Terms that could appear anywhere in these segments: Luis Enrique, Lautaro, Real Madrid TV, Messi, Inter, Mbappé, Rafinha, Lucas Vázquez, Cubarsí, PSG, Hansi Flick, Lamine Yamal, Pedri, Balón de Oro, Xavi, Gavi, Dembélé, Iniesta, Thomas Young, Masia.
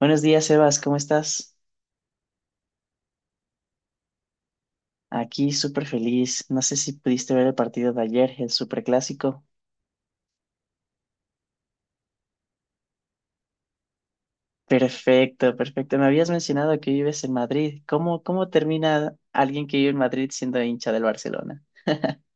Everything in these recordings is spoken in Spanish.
Buenos días, Sebas, ¿cómo estás? Aquí súper feliz. No sé si pudiste ver el partido de ayer, el superclásico. Perfecto, perfecto. Me habías mencionado que vives en Madrid. ¿Cómo termina alguien que vive en Madrid siendo hincha del Barcelona?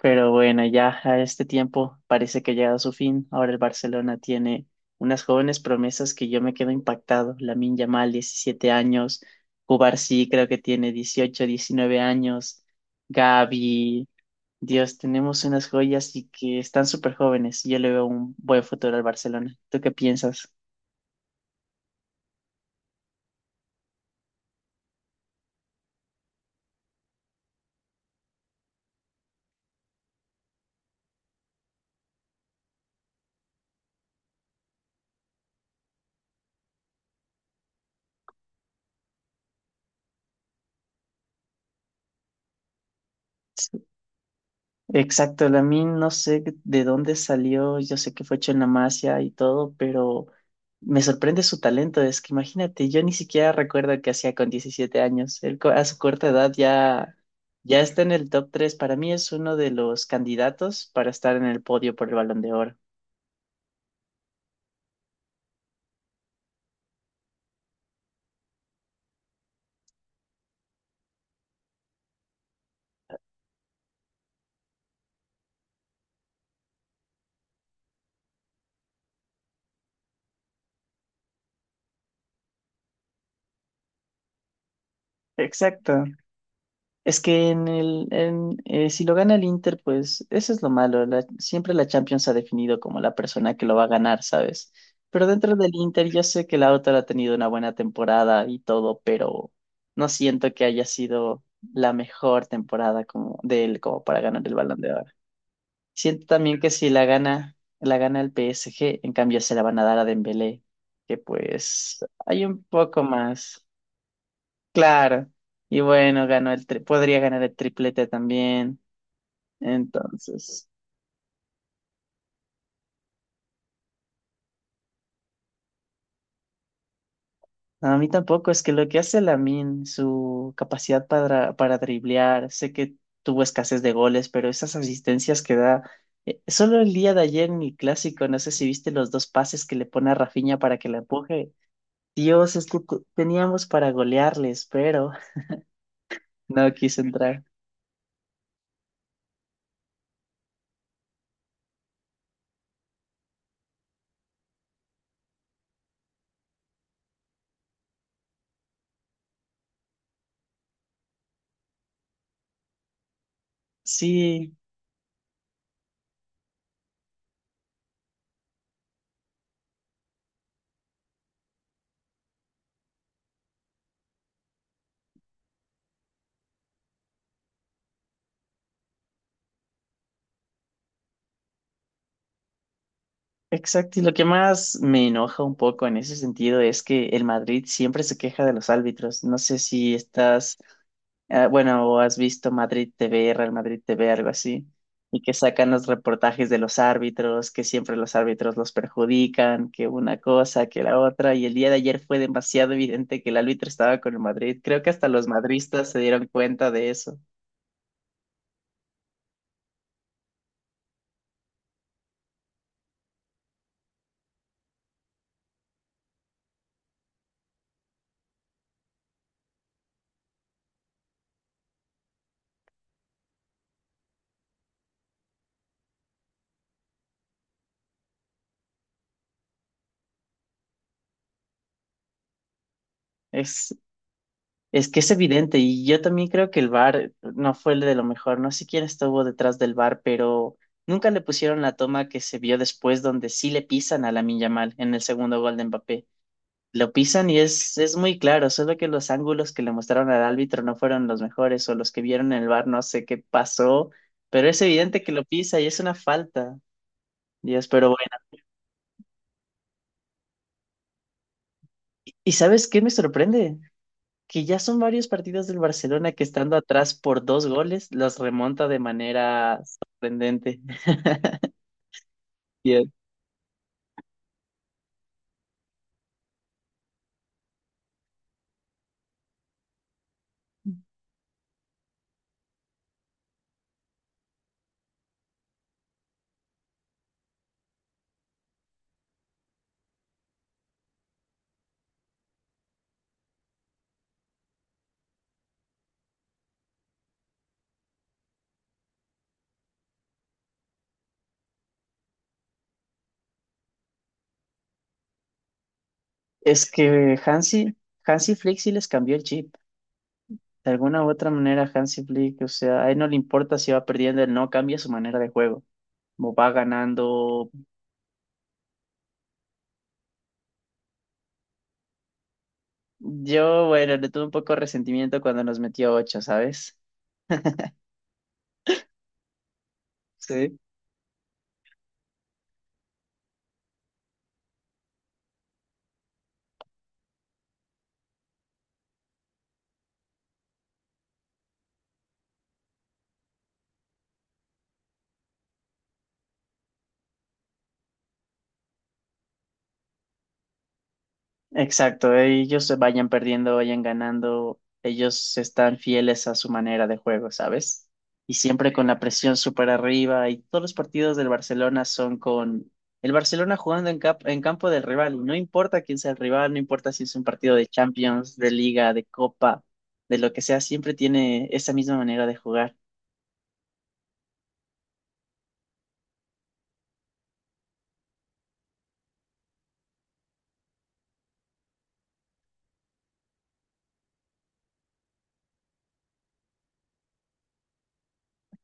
Pero bueno, ya a este tiempo parece que ha llegado a su fin. Ahora el Barcelona tiene unas jóvenes promesas que yo me quedo impactado. Lamine Yamal, 17 años. Cubarsí creo que tiene 18 19 años. Gavi, Dios, tenemos unas joyas y que están súper jóvenes. Yo le veo un buen futuro al Barcelona. ¿Tú qué piensas? Exacto, Lamine, no sé de dónde salió, yo sé que fue hecho en la Masia y todo, pero me sorprende su talento. Es que imagínate, yo ni siquiera recuerdo qué hacía con 17 años. A su corta edad ya, ya está en el top 3. Para mí es uno de los candidatos para estar en el podio por el Balón de Oro. Exacto. Es que en si lo gana el Inter, pues eso es lo malo. Siempre la Champions ha definido como la persona que lo va a ganar, ¿sabes? Pero dentro del Inter yo sé que Lautaro ha tenido una buena temporada y todo, pero no siento que haya sido la mejor temporada como, de él como para ganar el Balón de Oro. Siento también que si la gana, la gana el PSG, en cambio se la van a dar a Dembélé, que pues hay un poco más. Claro. Y bueno, podría ganar el triplete también. Entonces, a mí tampoco, es que lo que hace Lamin, su capacidad para driblear, sé que tuvo escasez de goles, pero esas asistencias que da, solo el día de ayer en el clásico, no sé si viste los dos pases que le pone a Rafinha para que la empuje. Dios, es que teníamos para golearles, pero no quiso entrar. Sí, exacto, y lo que más me enoja un poco en ese sentido es que el Madrid siempre se queja de los árbitros. No sé si estás, ah, bueno, o has visto Madrid TV, Real Madrid TV, algo así, y que sacan los reportajes de los árbitros, que siempre los árbitros los perjudican, que una cosa, que la otra, y el día de ayer fue demasiado evidente que el árbitro estaba con el Madrid. Creo que hasta los madristas se dieron cuenta de eso. Es Es que es evidente y yo también creo que el VAR no fue el de lo mejor. No sé quién estuvo detrás del VAR, pero nunca le pusieron la toma que se vio después donde sí le pisan a Lamine Yamal en el segundo gol de Mbappé. Lo pisan y es muy claro, solo que los ángulos que le mostraron al árbitro no fueron los mejores o los que vieron en el VAR no sé qué pasó, pero es evidente que lo pisa y es una falta. Dios, pero bueno. ¿Y sabes qué me sorprende? Que ya son varios partidos del Barcelona que estando atrás por dos goles, los remonta de manera sorprendente. Bien. Es que Hansi Flick sí les cambió el chip. De alguna u otra manera, Hansi Flick, o sea, a él no le importa si va perdiendo, él no cambia su manera de juego. Como va ganando. Yo, bueno, le tuve un poco de resentimiento cuando nos metió ocho, ¿sabes? Sí. Exacto, ellos se vayan perdiendo, vayan ganando, ellos están fieles a su manera de juego, ¿sabes? Y siempre con la presión súper arriba y todos los partidos del Barcelona son con el Barcelona jugando en, en campo del rival y no importa quién sea el rival, no importa si es un partido de Champions, de Liga, de Copa, de lo que sea, siempre tiene esa misma manera de jugar.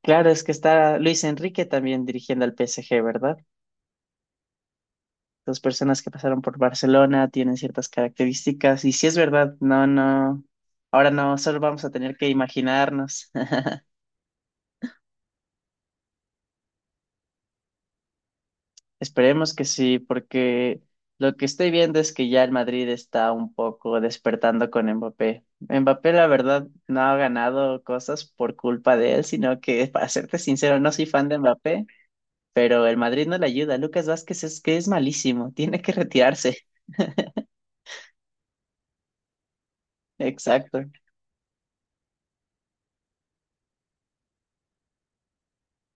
Claro, es que está Luis Enrique también dirigiendo al PSG, ¿verdad? Las personas que pasaron por Barcelona tienen ciertas características. Y si es verdad, no, no. Ahora no, solo vamos a tener que imaginarnos. Esperemos que sí, porque lo que estoy viendo es que ya el Madrid está un poco despertando con Mbappé. Mbappé, la verdad, no ha ganado cosas por culpa de él, sino que, para serte sincero, no soy fan de Mbappé, pero el Madrid no le ayuda. Lucas Vázquez es que es malísimo, tiene que retirarse. Exacto.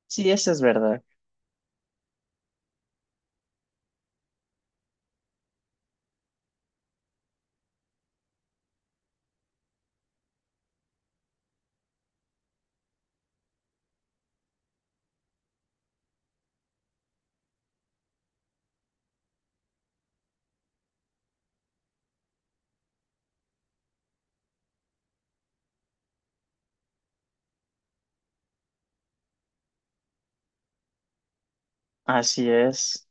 Sí, eso es verdad. Así es.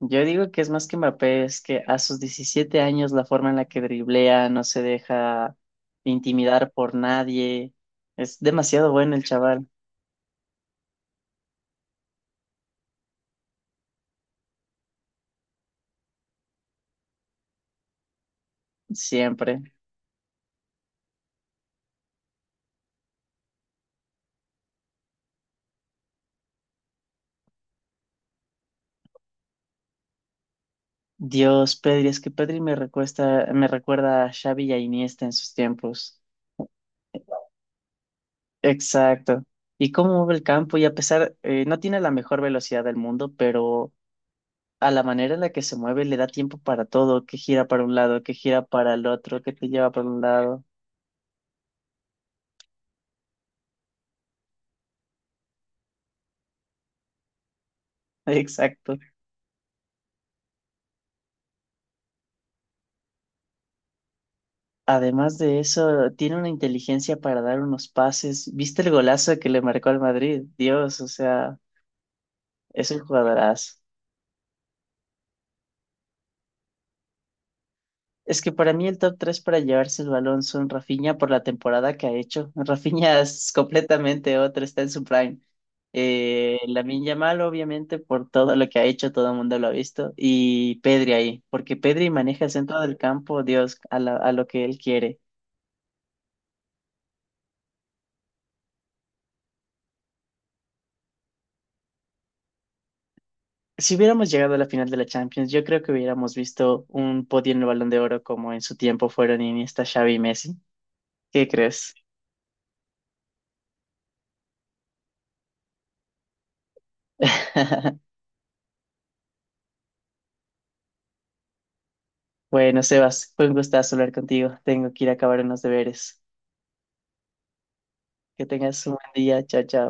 Yo digo que es más que Mbappé, es que a sus 17 años la forma en la que driblea, no se deja intimidar por nadie. Es demasiado bueno el chaval, siempre. Dios, Pedri, es que Pedri me recuesta, me recuerda a Xavi y a Iniesta en sus tiempos. Exacto. Y cómo mueve el campo, y a pesar, no tiene la mejor velocidad del mundo, pero a la manera en la que se mueve le da tiempo para todo, que gira para un lado, que gira para el otro, que te lleva para un lado. Exacto. Además de eso, tiene una inteligencia para dar unos pases. ¿Viste el golazo que le marcó al Madrid? Dios, o sea, es un jugadorazo. Es que para mí el top 3 para llevarse el balón son Rafinha por la temporada que ha hecho. Rafinha es completamente otro, está en su prime. Lamine Yamal, obviamente, por todo lo que ha hecho, todo el mundo lo ha visto. Y Pedri ahí, porque Pedri maneja el centro del campo, Dios, a lo que él quiere. Si hubiéramos llegado a la final de la Champions, yo creo que hubiéramos visto un podio en el Balón de Oro como en su tiempo fueron Iniesta, Xavi y Messi. ¿Qué crees? Bueno, Sebas, fue un gustazo hablar contigo. Tengo que ir a acabar unos deberes. Que tengas un buen día. Chao, chao.